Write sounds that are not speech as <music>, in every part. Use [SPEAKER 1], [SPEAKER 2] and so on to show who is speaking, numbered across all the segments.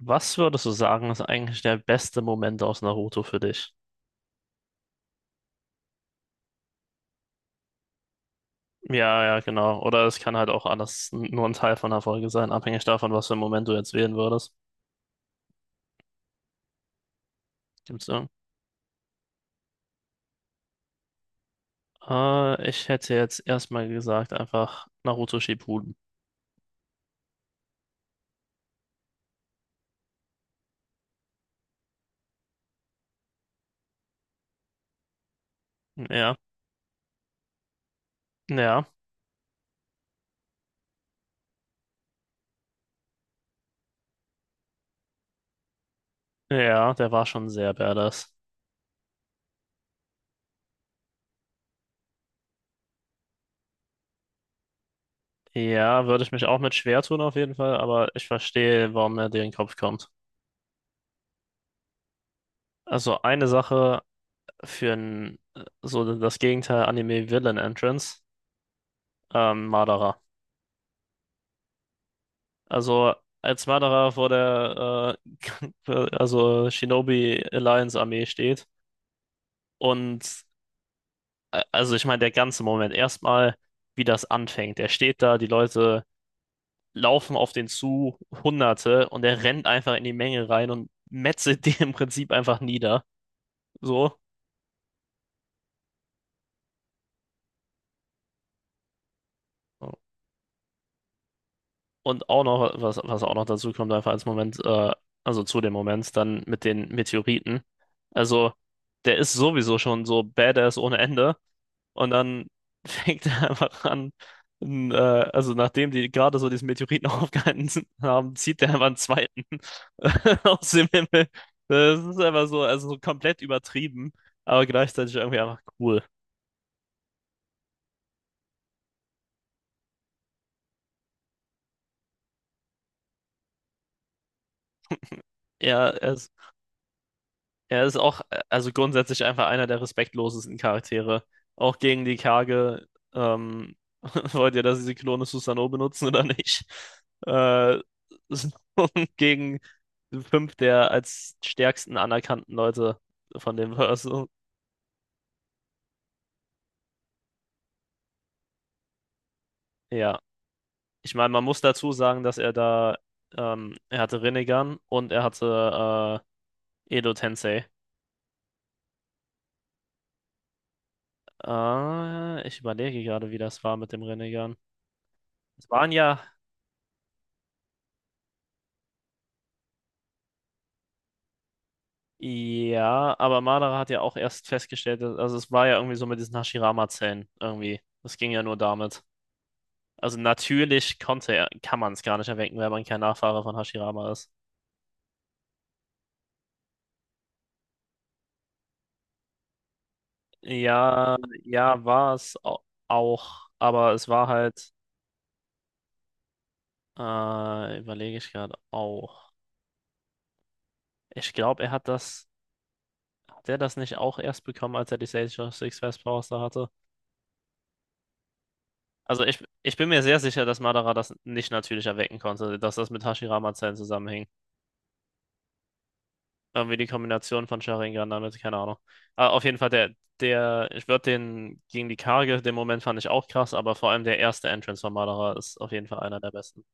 [SPEAKER 1] Was würdest du sagen, ist eigentlich der beste Moment aus Naruto für dich? Ja, ja, genau. Oder es kann halt auch alles nur ein Teil von einer Folge sein, abhängig davon, was für einen Moment du jetzt wählen würdest. Gibt's irgend- Ich hätte jetzt erstmal gesagt, einfach Naruto Shippuden. Ja, ja, ja, der war schon sehr badass. Ja, würde ich mich auch mit schwer tun auf jeden Fall, aber ich verstehe, warum mir dir in den Kopf kommt. Also eine Sache für ein, so das Gegenteil Anime Villain Entrance, Madara. Also als Wanderer vor der <laughs> also Shinobi Alliance Armee steht und also ich meine der ganze Moment erstmal wie das anfängt. Er steht da, die Leute laufen auf den zu, Hunderte, und er rennt einfach in die Menge rein und metzelt <laughs> die im Prinzip einfach nieder. So. Und auch noch was auch noch dazu kommt einfach als Moment, also zu dem Moment dann mit den Meteoriten. Also der ist sowieso schon so badass ohne Ende. Und dann <laughs> fängt er einfach an, n- äh, also nachdem die gerade so diesen Meteoriten <laughs> haben, zieht er einfach einen zweiten <laughs> aus dem Himmel. Das ist einfach so, also so komplett übertrieben, aber gleichzeitig irgendwie einfach cool. Ja, er ist auch, also grundsätzlich einfach einer der respektlosesten Charaktere. Auch gegen die Kage. Ähm, <laughs> wollt ihr, dass sie Klone Susanoo benutzen oder nicht? Äh, <laughs> so gegen fünf der als stärksten anerkannten Leute von dem Verse. Ja, ich meine, man muss dazu sagen, dass er da, er hatte Rinnegan und er hatte Edo Tensei. Ich überlege gerade, wie das war mit dem Rinnegan. Es waren ja, Ja, aber Madara hat ja auch erst festgestellt, also es war ja irgendwie so mit diesen Hashirama-Zellen irgendwie. Das ging ja nur damit. Also natürlich konnte er, kann man es gar nicht erwecken, weil man kein Nachfahre von Hashirama ist. Ja, ja, auch, aber es war halt, überlege ich gerade auch. Ich glaube, er hat das, hat er das nicht auch erst bekommen, als er die Sage Six Fast Powers da hatte? Also ich bin mir sehr sicher, dass Madara das nicht natürlich erwecken konnte, dass das mit Hashirama-Zellen zusammenhing. Irgendwie die Kombination von Sharingan damit, keine Ahnung. Aber auf jeden Fall, der, ich würde den gegen die Karge, den Moment fand ich auch krass, aber vor allem der erste Entrance von Madara ist auf jeden Fall einer der besten.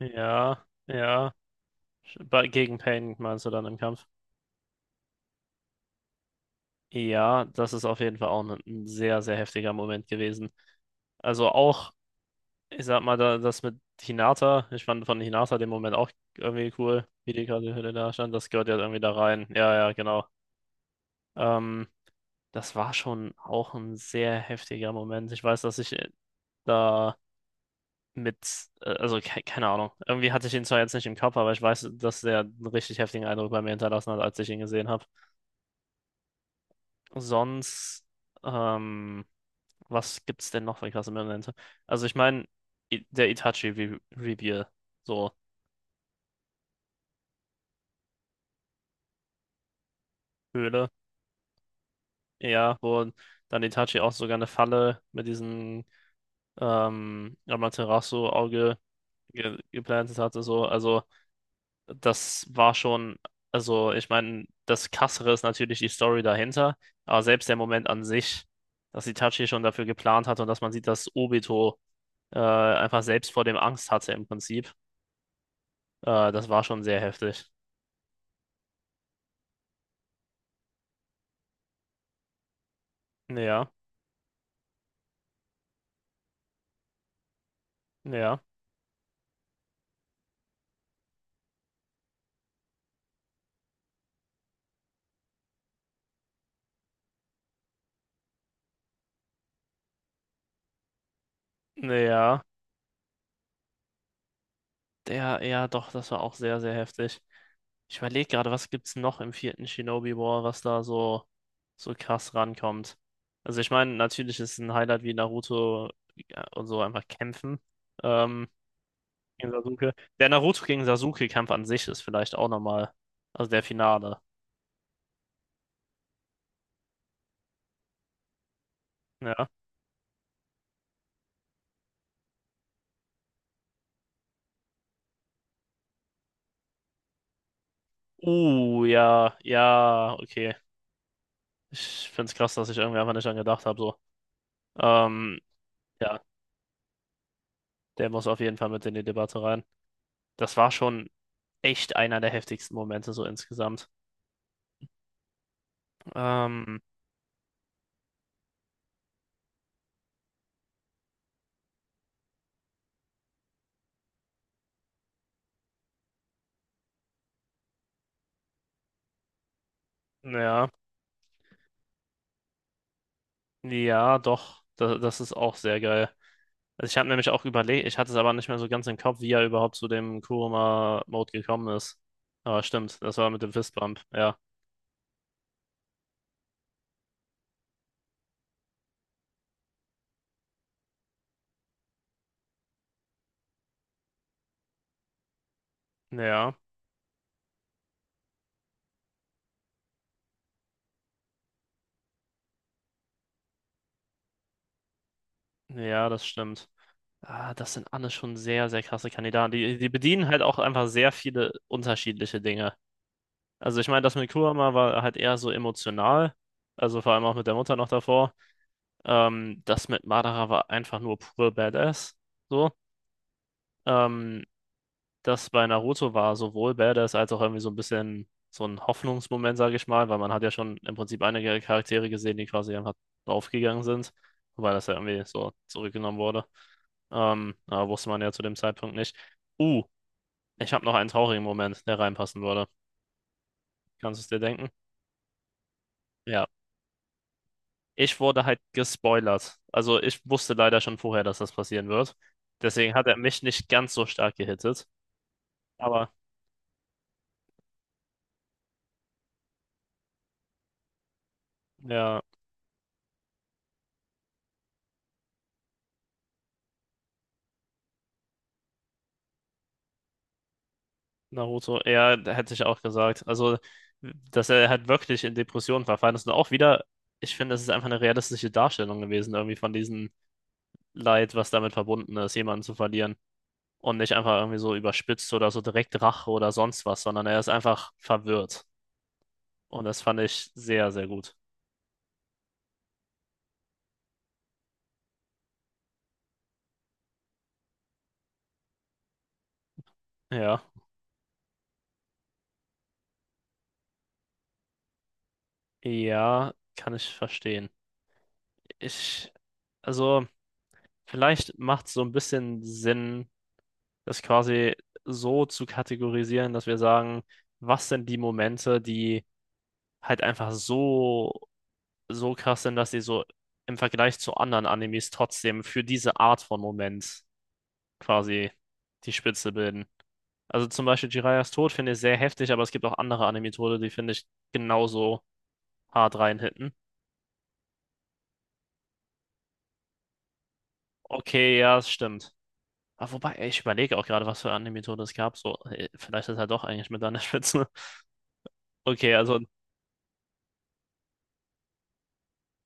[SPEAKER 1] Ja, ja. Gegen Pain meinst du dann im Kampf? Ja, das ist auf jeden Fall auch ein sehr, sehr heftiger Moment gewesen. Also auch, ich sag mal, da, das mit Hinata, ich fand von Hinata den Moment auch irgendwie cool, wie die gerade Hülle da stand, das gehört ja irgendwie da rein. Ja, ja, genau. Ähm, das war schon auch ein sehr heftiger Moment. Ich weiß, dass ich da mit, also ke keine Ahnung, irgendwie hatte ich ihn zwar jetzt nicht im Kopf, aber ich weiß, dass der einen richtig heftigen Eindruck bei mir hinterlassen hat, als ich ihn gesehen habe. Sonst, ähm, was gibt's denn noch für krasse Momente? Also ich meine, der Itachi Re Reveal, so Höhle, ja, wo dann Itachi auch sogar eine Falle mit diesem Amaterasu-Auge ge geplantet hatte, so, also das war schon, also ich meine, das Krassere ist natürlich die Story dahinter, aber selbst der Moment an sich, dass Itachi schon dafür geplant hat und dass man sieht, dass Obito einfach selbst vor dem Angst hatte im Prinzip, das war schon sehr heftig. Ja, ja, ja, der, ja, doch, das war auch sehr, sehr heftig. Ich überlege gerade, was gibt's noch im vierten Shinobi War, was da so, so krass rankommt. Also ich meine, natürlich ist ein Highlight wie Naruto ja, und so einfach kämpfen. Ähm, gegen Sasuke. Der Naruto gegen Sasuke-Kampf an sich ist vielleicht auch nochmal, also der Finale. Ja. Ja, ja, okay. Ich find's krass, dass ich irgendwie einfach nicht dran gedacht habe, so. Ähm, ja, der muss auf jeden Fall mit in die Debatte rein. Das war schon echt einer der heftigsten Momente so insgesamt. Ähm, ja, ja, doch, das ist auch sehr geil. Also ich habe nämlich auch überlegt, ich hatte es aber nicht mehr so ganz im Kopf, wie er überhaupt zu dem Kurama-Mode gekommen ist. Aber stimmt, das war mit dem Fistbump, ja. Ja, ja, das stimmt. Ah, das sind alles schon sehr, sehr krasse Kandidaten. Die bedienen halt auch einfach sehr viele unterschiedliche Dinge. Also ich meine, das mit Kurama war halt eher so emotional. Also vor allem auch mit der Mutter noch davor. Das mit Madara war einfach nur pure Badass. So. Ähm, das bei Naruto war sowohl badass als auch irgendwie so ein bisschen so ein Hoffnungsmoment, sage ich mal, weil man hat ja schon im Prinzip einige Charaktere gesehen, die quasi einfach draufgegangen sind, wobei das ja irgendwie so zurückgenommen wurde. Aber wusste man ja zu dem Zeitpunkt nicht. Uh, ich habe noch einen traurigen Moment, der reinpassen würde. Kannst du es dir denken? Ja. Ich wurde halt gespoilert. Also ich wusste leider schon vorher, dass das passieren wird. Deswegen hat er mich nicht ganz so stark gehittet. Aber ja. Naruto, ja, hätte ich auch gesagt. Also, dass er halt wirklich in Depressionen verfallen ist. Und auch wieder, ich finde, das ist einfach eine realistische Darstellung gewesen, irgendwie von diesem Leid, was damit verbunden ist, jemanden zu verlieren. Und nicht einfach irgendwie so überspitzt oder so direkt Rache oder sonst was, sondern er ist einfach verwirrt. Und das fand ich sehr, sehr gut. Ja, ja, kann ich verstehen. Ich, also, vielleicht macht es so ein bisschen Sinn das quasi so zu kategorisieren, dass wir sagen, was sind die Momente, die halt einfach so, so krass sind, dass die so im Vergleich zu anderen Animes trotzdem für diese Art von Moment quasi die Spitze bilden. Also zum Beispiel Jiraiya's Tod finde ich sehr heftig, aber es gibt auch andere Anime-Tode, die finde ich genauso hart reinhitten. Okay, ja, es stimmt. Aber wobei, ey, ich überlege auch gerade, was für Anime-Tode es gab. So, ey, vielleicht ist er doch eigentlich mit an der Spitze. <laughs> Okay, also,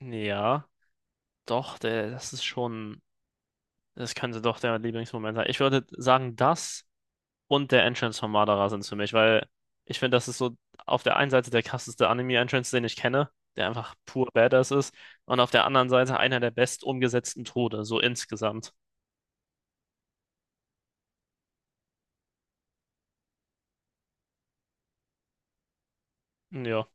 [SPEAKER 1] ja. Doch, der, das ist schon, das könnte doch der Lieblingsmoment sein. Ich würde sagen, das und der Entrance von Madara sind es für mich, weil ich finde, das ist so auf der einen Seite der krasseste Anime-Entrance, den ich kenne, der einfach pur Badass ist, und auf der anderen Seite einer der best umgesetzten Tode, so insgesamt. Ja.